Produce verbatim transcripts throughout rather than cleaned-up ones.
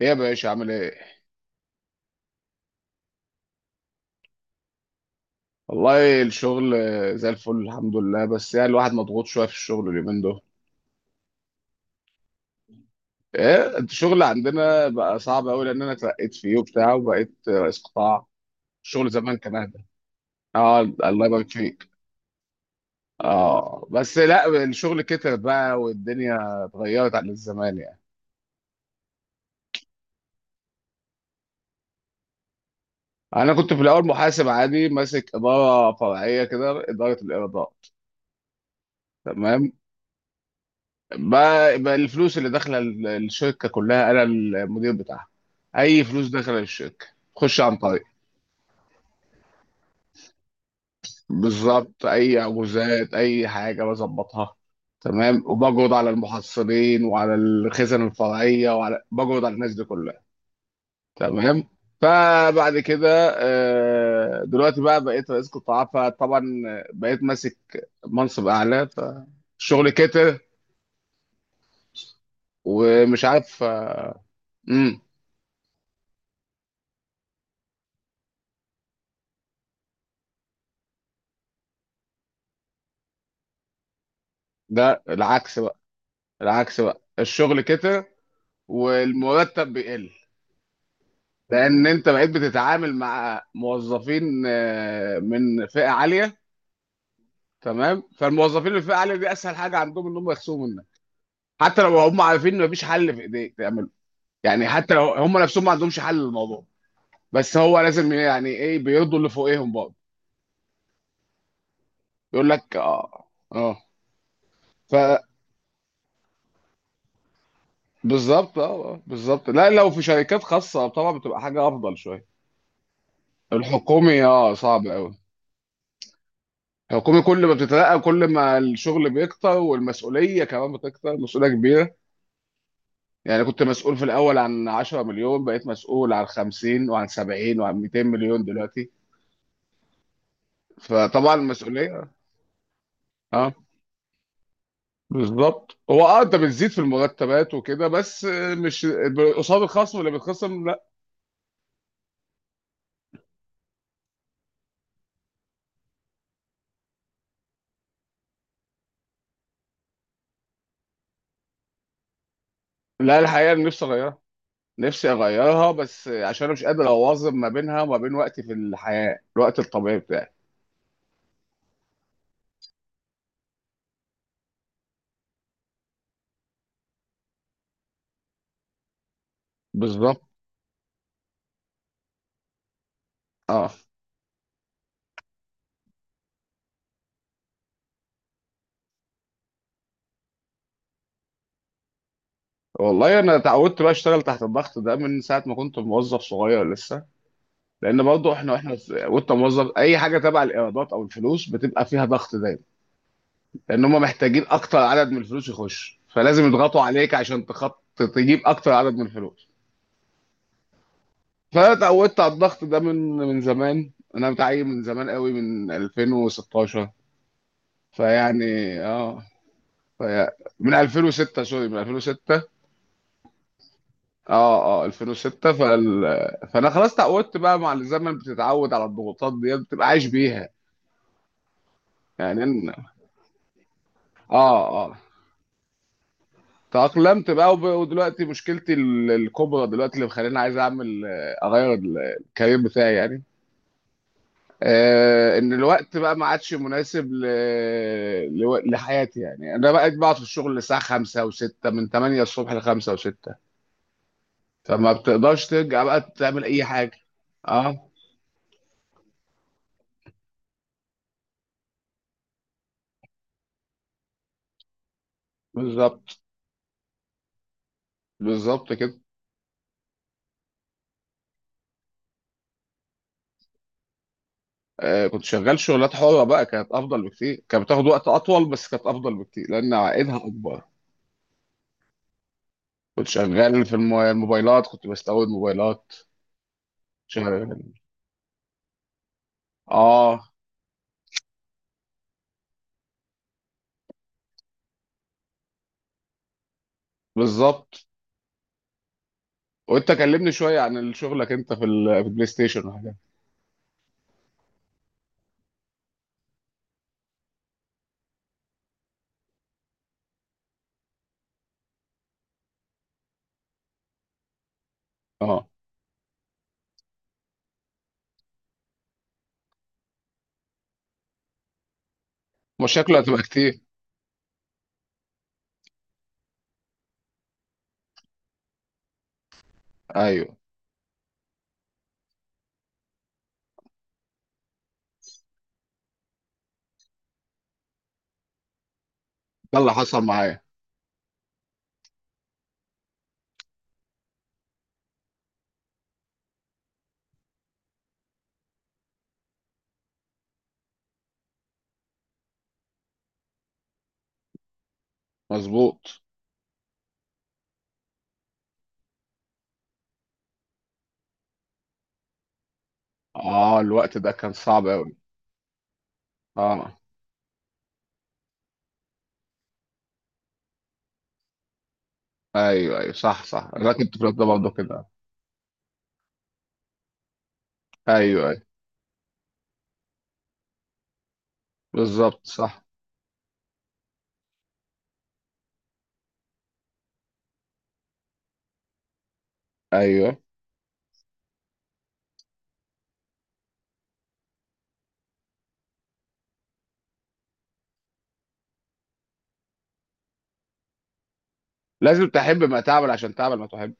ايه يا باشا عامل ايه؟ والله الشغل زي الفل الحمد لله، بس يعني الواحد مضغوط شويه في الشغل اليومين دول. ايه انت، الشغل عندنا بقى صعب قوي لان انا اترقيت فيه وبتاع وبقيت رئيس قطاع. الشغل زمان كان اهدى. اه، الله يبارك فيك. اه بس لا، الشغل كتر بقى والدنيا اتغيرت عن زمان يعني. انا كنت في الاول محاسب عادي ماسك اداره فرعيه كده، اداره الارضاء. تمام. بقى, بقى الفلوس اللي داخله ال- الشركه كلها انا المدير بتاعها. اي فلوس داخله الشركه خش عن طريق. بالظبط، اي عجوزات اي حاجه بظبطها. تمام، وبجرد على المحصلين وعلى الخزن الفرعيه وعلى بجرد على الناس دي كلها. تمام. فبعد كده آه، دلوقتي بقى بقيت رئيس قطاع، فطبعا بقيت ماسك منصب اعلى فالشغل كتر ومش عارف. امم ده العكس، العكس بقى الشغل كتر والمرتب بيقل، لان انت بقيت بتتعامل مع موظفين آه، من فئه عاليه. تمام. فالموظفين اللي في فئه عاليه دي اسهل حاجه عندهم ان هم يخصموا منك، حتى لو هم عارفين ان مفيش حل في ايديك تعمله، يعني حتى لو هم نفسهم ما عندهمش حل للموضوع. بس هو لازم، يعني ايه، بيرضوا اللي فوقيهم برضه. يقول لك اه اه. ف بالظبط اه. آه، بالظبط. لا، لو في شركات خاصه طبعا بتبقى حاجه افضل شويه. الحكومي اه صعب قوي. الحكومة كل ما بتترقى كل ما الشغل بيكتر والمسؤولية كمان بتكتر، المسؤولية كبيرة. يعني كنت مسؤول في الأول عن 10 مليون، بقيت مسؤول عن خمسين وعن سبعين وعن مئتين مليون دلوقتي. فطبعا المسؤولية، اه بالظبط. هو اه انت بتزيد في المرتبات وكده بس، مش قصاد الخصم اللي بيتخصم، لا. لا، الحقيقة أنا نفسي أغيرها. نفسي أغيرها بس عشان أنا مش قادر أواظب ما بينها وما بين وقتي في الحياة، الوقت الطبيعي بتاعي. بالظبط اه. والله انا اتعودت بقى اشتغل تحت الضغط ده من ساعه ما كنت موظف صغير لسه، لان برضه احنا واحنا في- وانت موظف اي حاجه تبع الايرادات او الفلوس بتبقى فيها ضغط دايما، لان هم محتاجين اكتر عدد من الفلوس يخش، فلازم يضغطوا عليك عشان تخط، تجيب اكتر عدد من الفلوس. فانا اتعودت على الضغط ده من من زمان. انا متعين من زمان قوي من ألفين وستاشر. فيعني اه. في من ألفين وستة سوري من ألفين وستة. اه اه ألفين وستة فال... فانا خلاص تعودت بقى مع الزمن، بتتعود على الضغوطات ديت، بتبقى عايش بيها. يعني إن... اه اه. تأقلمت بقى وب... ودلوقتي مشكلتي ال- الكبرى دلوقتي، اللي مخليني عايز اعمل آه، اغير ال- الكارير بتاعي يعني. آه ان الوقت بقى ما عادش مناسب ل... لو... لحياتي يعني. انا بقيت بقعد في الشغل الساعه خمسة و6، من ثمانية الصبح ل خمسة و6، فما بتقدرش ترجع بقى تعمل اي حاجه. اه، بالظبط، بالظبط كده. آه، كنت شغال شغلات حرة بقى، كانت أفضل بكتير، كانت بتاخد وقت أطول بس كانت أفضل بكتير لأن عائدها أكبر. كنت شغال في الم- الموبايلات، كنت بستورد موبايلات. شغال. آه بالظبط. وأنت كلمني شوية عن شغلك أنت في ال- في البلاي ستيشن وحاجات. آه مشاكله هتبقى كتير. أيوه، ده اللي حصل معايا. مظبوط. آه الوقت ده كان صعب أوي. آه أيوه أيوه، صح صح. أنا كنت في الوقت ده برضه كده. أيوه أيوه، بالظبط صح. أيوه، لازم تحب ما تعمل عشان تعمل ما تحب.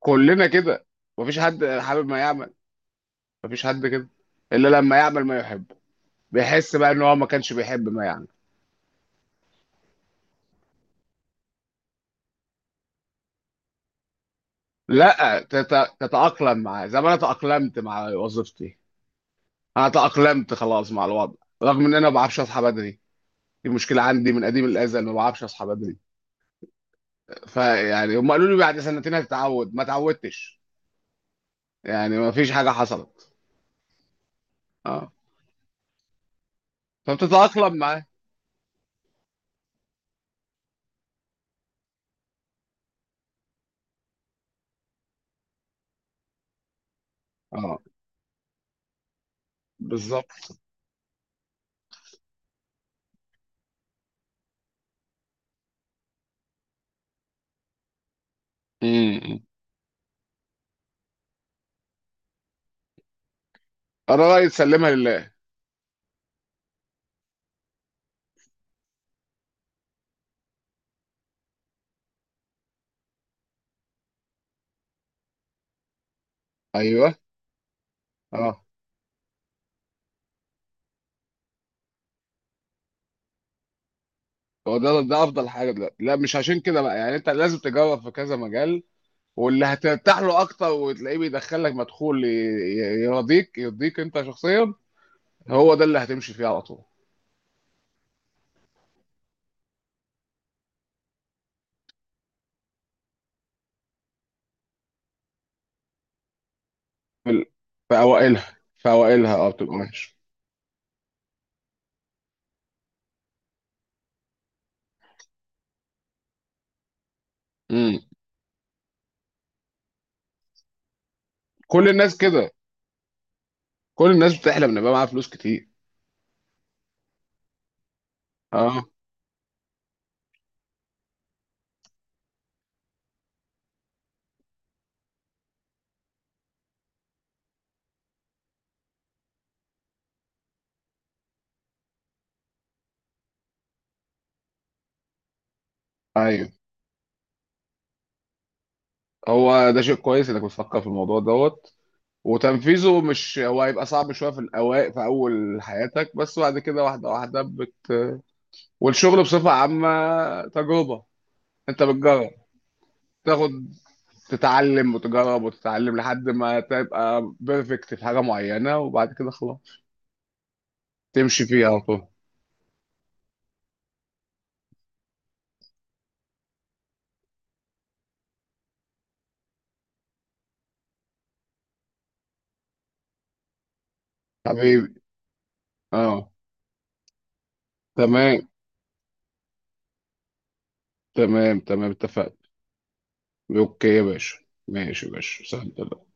كلنا كده، مفيش حد حابب ما يعمل، مفيش حد كده الا لما يعمل ما يحب، بيحس بقى ان هو ما كانش بيحب ما يعمل. لا، تت- تتأقلم معاه زي ما انا تأقلمت مع وظيفتي. انا تأقلمت خلاص مع الوضع، رغم ان انا ما بعرفش اصحى بدري، دي مشكلة عندي من قديم الأزل، ما بعرفش أصحى بدري. فيعني هم قالوا لي بعد سنتين هتتعود، ما اتعودتش. يعني ما فيش حاجة حصلت. اه، فبتتأقلم معاه. اه، بالظبط. امم الرأي تسلمها لله. ايوه اه. هو ده ده افضل حاجه دلوقتي. لا مش عشان كده بقى، يعني انت لازم تجرب في كذا مجال، واللي هترتاح له اكتر وتلاقيه بيدخلك مدخول ي- ي- يرضيك يرضيك انت شخصيا. هو ده اللي هتمشي فيه على طول. في ال- في اوائلها في اوائلها اه بتبقى ماشي. امم كل الناس كده، كل الناس بتحلم ان يبقى معاها فلوس كتير. اه، ايوه، هو ده شيء كويس انك بتفكر في الموضوع دوت. وتنفيذه، مش هو هيبقى صعب شويه في الاوائل في اول حياتك، بس بعد كده واحده واحده بت والشغل بصفة عامة تجربة. انت بتجرب، تاخد، تتعلم وتجرب وتتعلم لحد ما تبقى بيرفكت في حاجة معينة، وبعد كده خلاص تمشي فيها على طول. حبيبي، اه، تمام تمام تمام، اتفقنا. اوكي يا باشا. ماشي يا باشا، سلام.